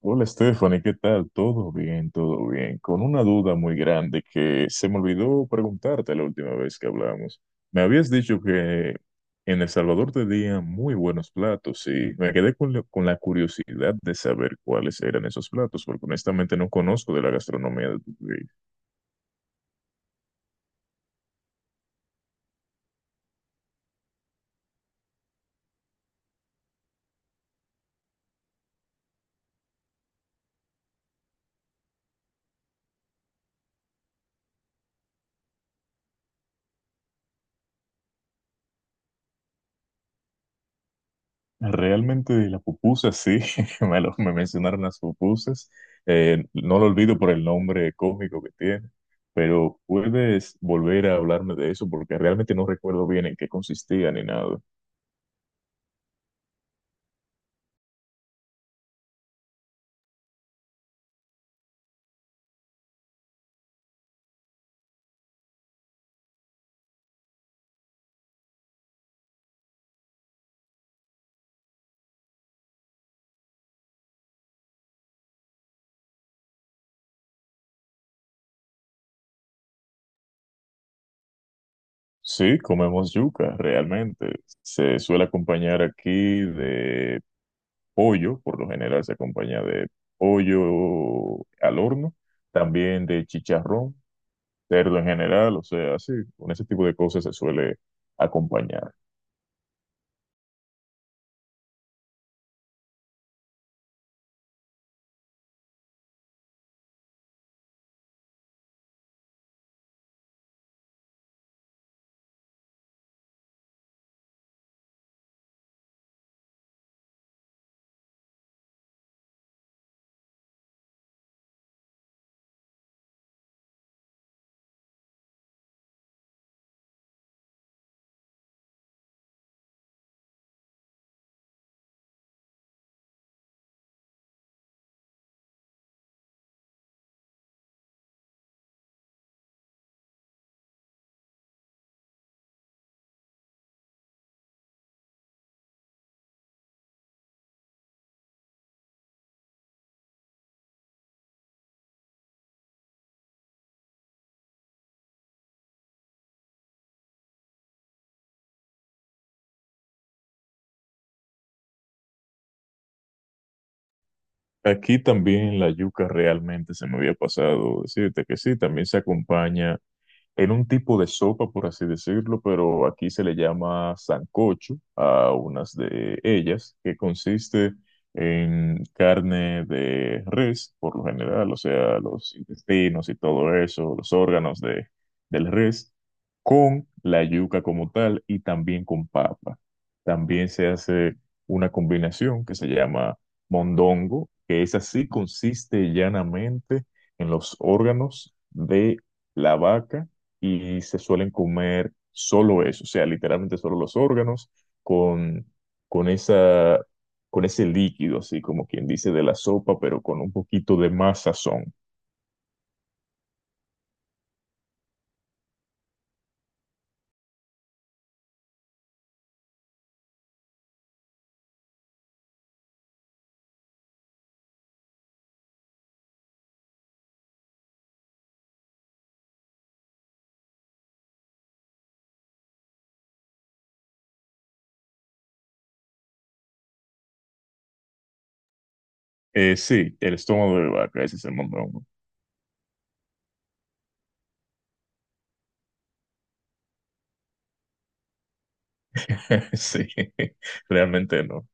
Hola Stephanie, ¿qué tal? Todo bien, todo bien. Con una duda muy grande que se me olvidó preguntarte la última vez que hablamos. Me habías dicho que en El Salvador tenían muy buenos platos y me quedé con la curiosidad de saber cuáles eran esos platos, porque honestamente no conozco de la gastronomía de tu país. Realmente de las pupusas, sí, me mencionaron las pupusas. No lo olvido por el nombre cómico que tiene, pero puedes volver a hablarme de eso porque realmente no recuerdo bien en qué consistía ni nada. Sí, comemos yuca, realmente. Se suele acompañar aquí de pollo, por lo general se acompaña de pollo al horno, también de chicharrón, cerdo en general, o sea, sí, con ese tipo de cosas se suele acompañar. Aquí también la yuca realmente se me había pasado decirte que sí, también se acompaña en un tipo de sopa, por así decirlo, pero aquí se le llama sancocho a unas de ellas, que consiste en carne de res, por lo general, o sea, los intestinos y todo eso, los órganos de, del res, con la yuca como tal y también con papa. También se hace una combinación que se llama mondongo, que es así, consiste llanamente en los órganos de la vaca y se suelen comer solo eso, o sea, literalmente solo los órganos con, con esa, con ese líquido, así como quien dice de la sopa, pero con un poquito de más sazón. Sí, el estómago de vaca, ese es el mondongo. Sí, realmente no.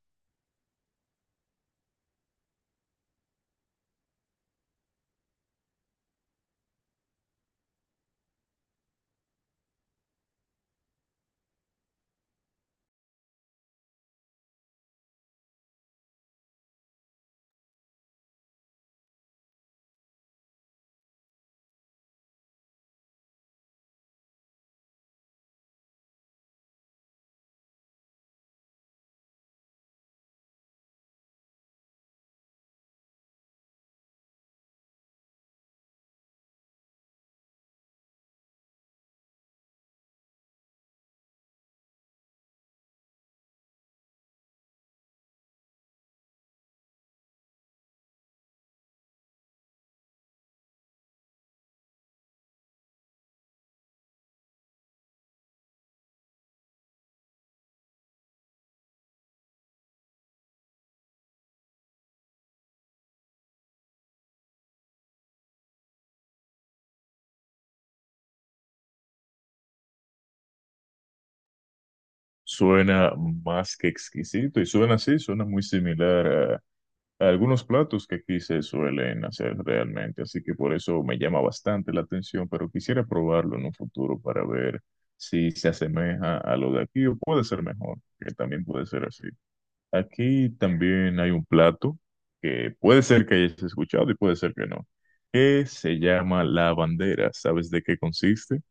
Suena más que exquisito y suena así, suena muy similar a algunos platos que aquí se suelen hacer realmente, así que por eso me llama bastante la atención, pero quisiera probarlo en un futuro para ver si se asemeja a lo de aquí o puede ser mejor, que también puede ser así. Aquí también hay un plato que puede ser que hayas escuchado y puede ser que no, que se llama la bandera. ¿Sabes de qué consiste?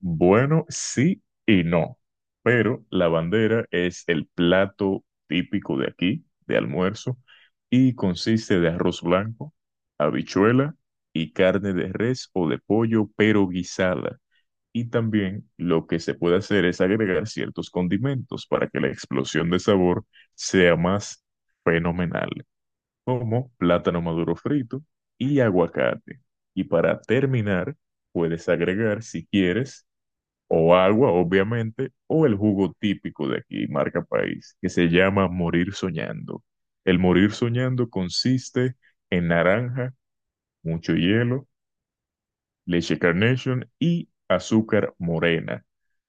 Bueno, sí y no, pero la bandera es el plato típico de aquí, de almuerzo, y consiste de arroz blanco, habichuela y carne de res o de pollo, pero guisada. Y también lo que se puede hacer es agregar ciertos condimentos para que la explosión de sabor sea más fenomenal, como plátano maduro frito y aguacate. Y para terminar, puedes agregar, si quieres, o agua, obviamente, o el jugo típico de aquí, marca país, que se llama morir soñando. El morir soñando consiste en naranja, mucho hielo, leche Carnation y azúcar morena.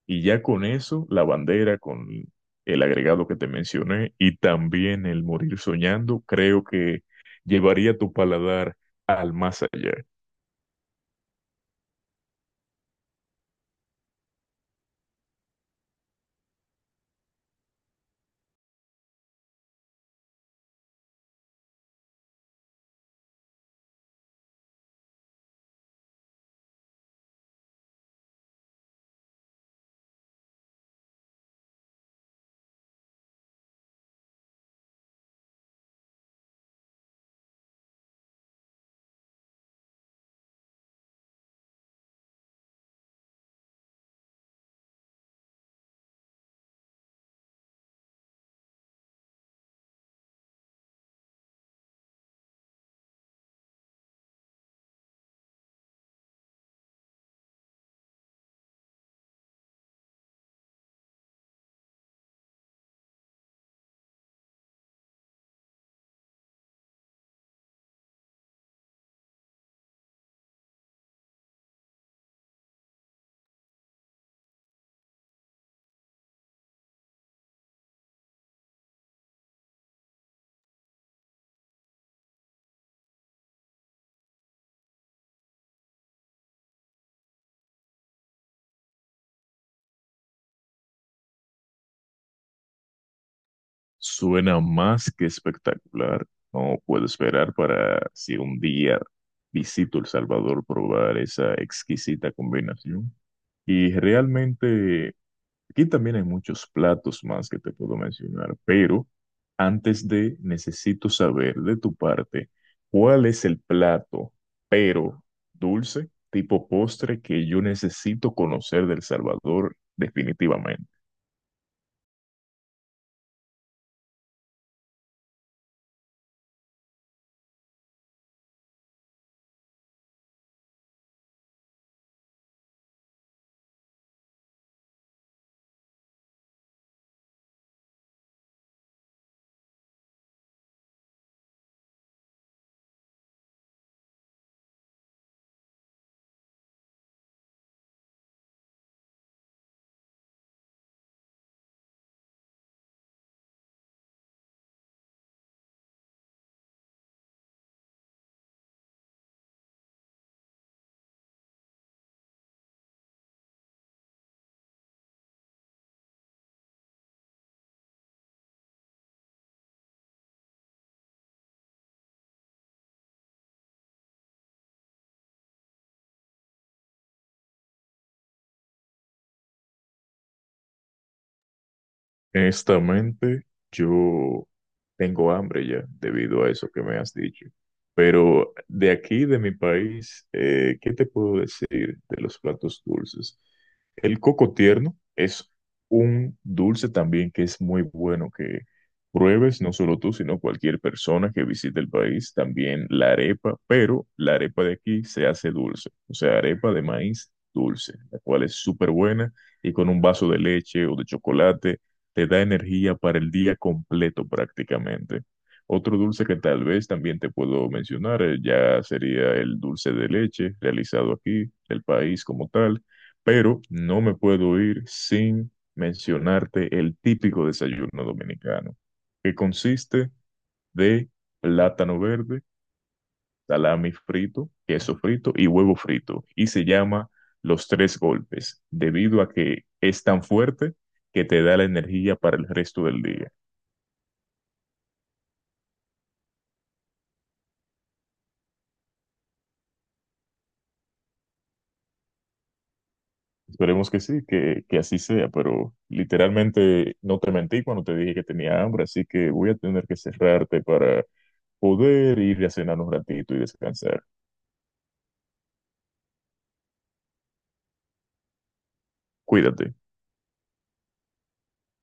Y ya con eso, la bandera con el agregado que te mencioné y también el morir soñando, creo que llevaría tu paladar al más allá. Suena más que espectacular. No puedo esperar para si un día visito El Salvador probar esa exquisita combinación. Y realmente aquí también hay muchos platos más que te puedo mencionar, pero antes de necesito saber de tu parte cuál es el plato, pero dulce, tipo postre que yo necesito conocer del Salvador definitivamente. Honestamente, yo tengo hambre ya debido a eso que me has dicho. Pero de aquí, de mi país, ¿qué te puedo decir de los platos dulces? El coco tierno es un dulce también que es muy bueno que pruebes, no solo tú, sino cualquier persona que visite el país. También la arepa, pero la arepa de aquí se hace dulce, o sea, arepa de maíz dulce, la cual es súper buena y con un vaso de leche o de chocolate te da energía para el día completo prácticamente. Otro dulce que tal vez también te puedo mencionar ya sería el dulce de leche realizado aquí, el país como tal, pero no me puedo ir sin mencionarte el típico desayuno dominicano, que consiste de plátano verde salami frito, queso frito y huevo frito, y se llama Los Tres Golpes, debido a que es tan fuerte que te da la energía para el resto del día. Esperemos que sí, que así sea, pero literalmente no te mentí cuando te dije que tenía hambre, así que voy a tener que cerrarte para poder ir a cenar un ratito y descansar. Cuídate.